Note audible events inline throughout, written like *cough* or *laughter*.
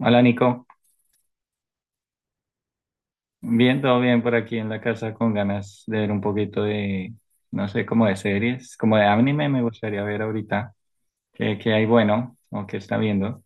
Hola Nico, bien, todo bien por aquí en la casa con ganas de ver un poquito de, no sé, como de series, como de anime me gustaría ver ahorita, qué hay bueno o qué está viendo.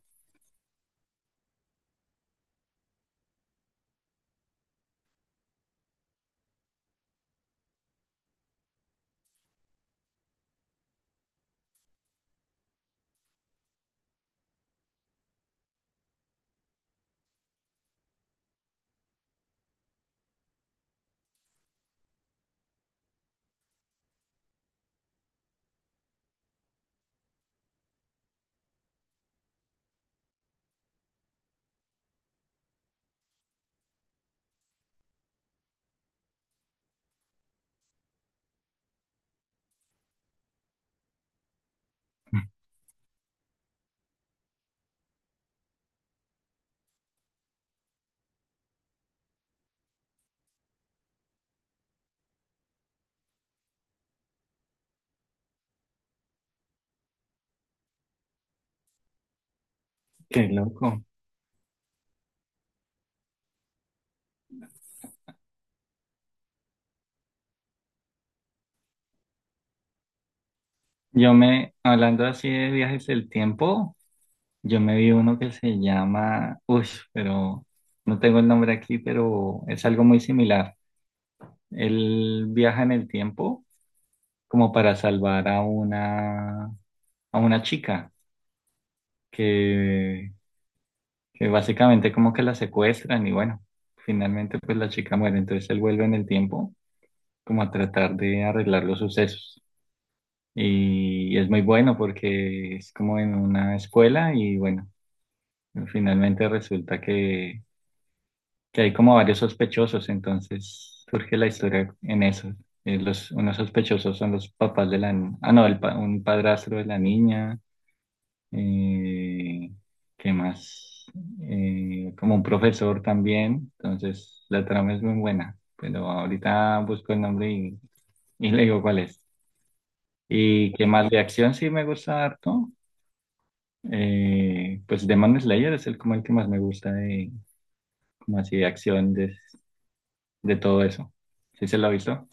Qué loco. Hablando así de viajes del tiempo, yo me vi uno que se llama, uy, pero no tengo el nombre aquí, pero es algo muy similar. Él viaja en el tiempo como para salvar a una chica que que básicamente como que la secuestran y bueno, finalmente pues la chica muere, entonces él vuelve en el tiempo como a tratar de arreglar los sucesos. Y es muy bueno porque es como en una escuela y bueno, finalmente resulta que hay como varios sospechosos, entonces surge la historia en eso. Unos sospechosos son los papás de la... Ah, no, un padrastro de la niña, eh, ¿qué más? Como un profesor también, entonces la trama es muy buena, pero ahorita busco el nombre y le digo cuál es. ¿Y qué más de acción sí me gusta harto? Pues Demon Slayer es el, como el que más me gusta de, como así de acción de todo eso. ¿Sí se lo ha visto?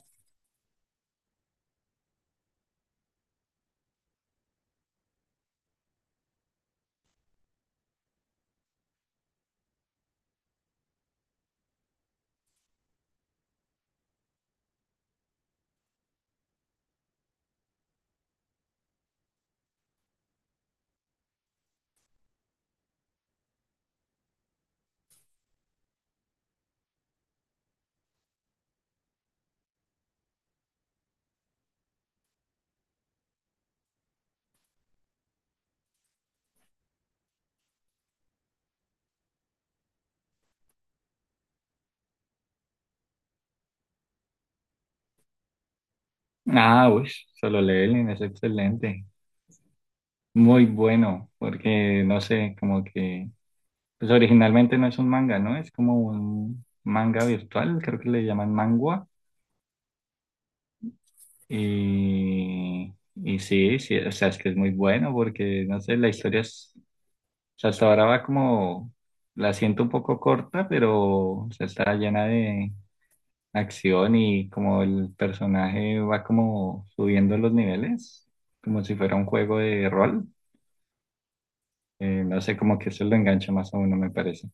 Ah, uy, Solo Leveling es excelente. Muy bueno, porque no sé, como que pues originalmente no es un manga, ¿no? Es como un manga virtual, creo que le llaman mangua. Y sí, sí, o sea, es que es muy bueno porque, no sé, la historia es, o sea, hasta ahora va como, la siento un poco corta, pero o sea, está llena de acción y como el personaje va como subiendo los niveles, como si fuera un juego de rol. No sé, como que eso lo engancha más a uno, me parece.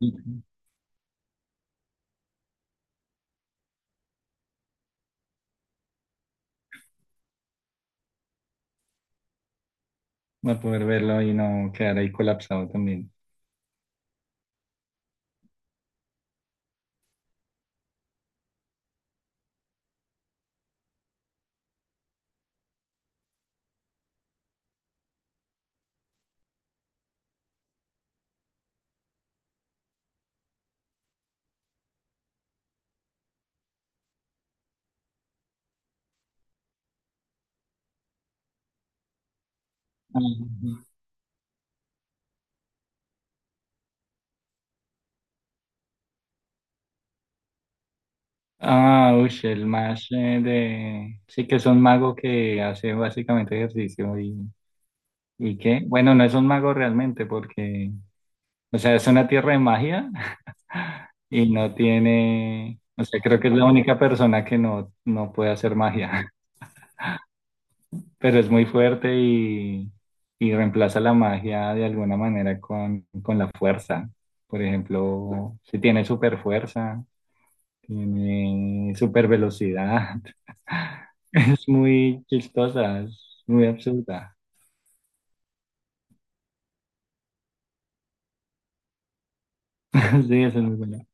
Y- Va a poder verlo y no quedar ahí colapsado también. Ujú. Ah, uy, el más de... Sí que es un mago que hace básicamente ejercicio y qué. Bueno, no es un mago realmente porque, o sea, es una tierra de magia *laughs* y no tiene... O sea, creo que es la única persona que no puede hacer magia, *laughs* pero es muy fuerte y reemplaza la magia de alguna manera con la fuerza. Por ejemplo, si tiene super fuerza, tiene super velocidad. *laughs* Es muy chistosa, es muy absurda. *laughs* Sí, eso es muy bueno.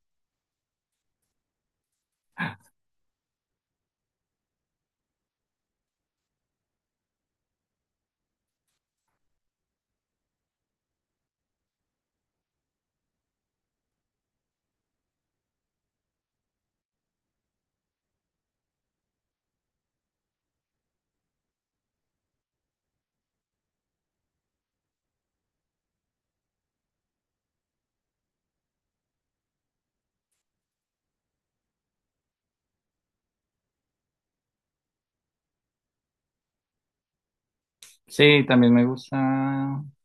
Sí, también me gusta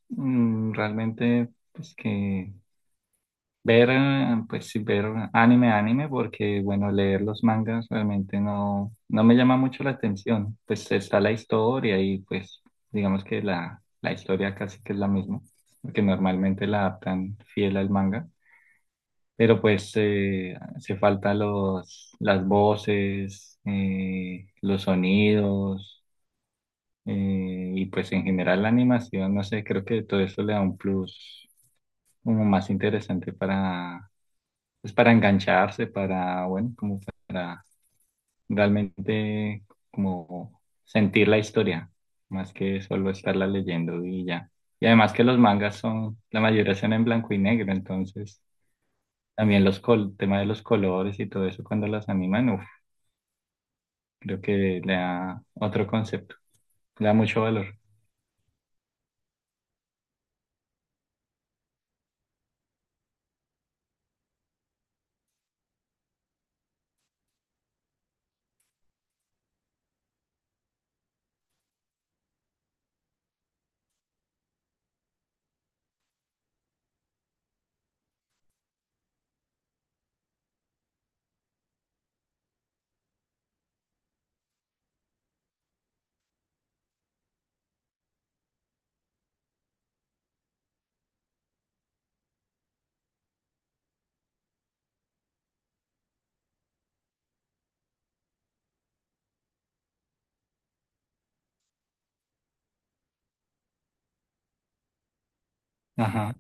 realmente pues que ver, pues sí, ver anime, porque bueno, leer los mangas realmente no me llama mucho la atención. Pues está la historia y pues digamos que la historia casi que es la misma, porque normalmente la adaptan fiel al manga. Pero pues hace falta los, las voces, los sonidos y pues en general la animación, no sé, creo que todo eso le da un plus como más interesante para, pues para engancharse, para, bueno, como para realmente como sentir la historia, más que solo estarla leyendo y ya. Y además que los mangas son, la mayoría son en blanco y negro, entonces también los col, el tema de los colores y todo eso cuando las animan, uf, creo que le da otro concepto, le da mucho valor. Ajá.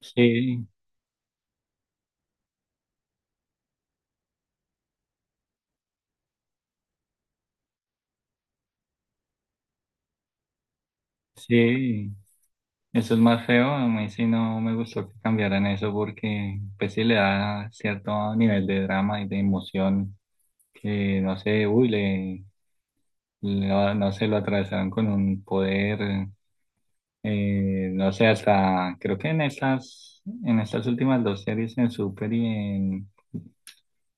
Sí, sí, eso es más feo. A mí sí no me gustó que cambiaran eso porque pues sí le da cierto nivel de drama y de emoción que no sé, uy, le, lo- no sé, lo atravesaron con un poder, no sé, hasta creo que en estas últimas dos series en Super y en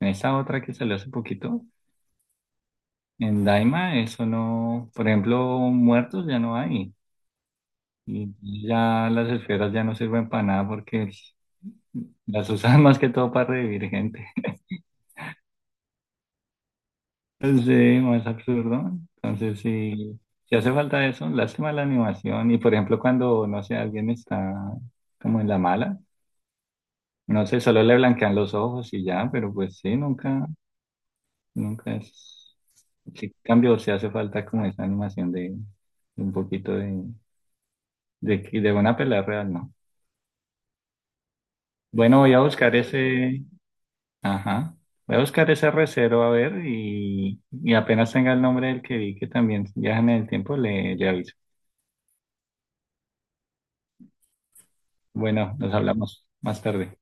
En esa otra que salió hace poquito, en Daima, eso no, por ejemplo, muertos ya no hay. Y ya las esferas ya no sirven para nada porque las usan *laughs* más que todo para revivir gente. *laughs* Sí, más absurdo. Entonces, sí, si hace falta eso, lástima la animación. Y por ejemplo, cuando, no sé, alguien está como en la mala, no sé, solo le blanquean los ojos y ya, pero pues sí, nunca, nunca es... Sí, cambio, si hace falta como esa animación de un poquito de, que- de una pelea real, ¿no? Bueno, voy a buscar ese... Ajá. Voy a buscar ese recero a ver y apenas tenga el nombre del que vi que también viaja en el tiempo, le aviso. Bueno, nos hablamos más tarde.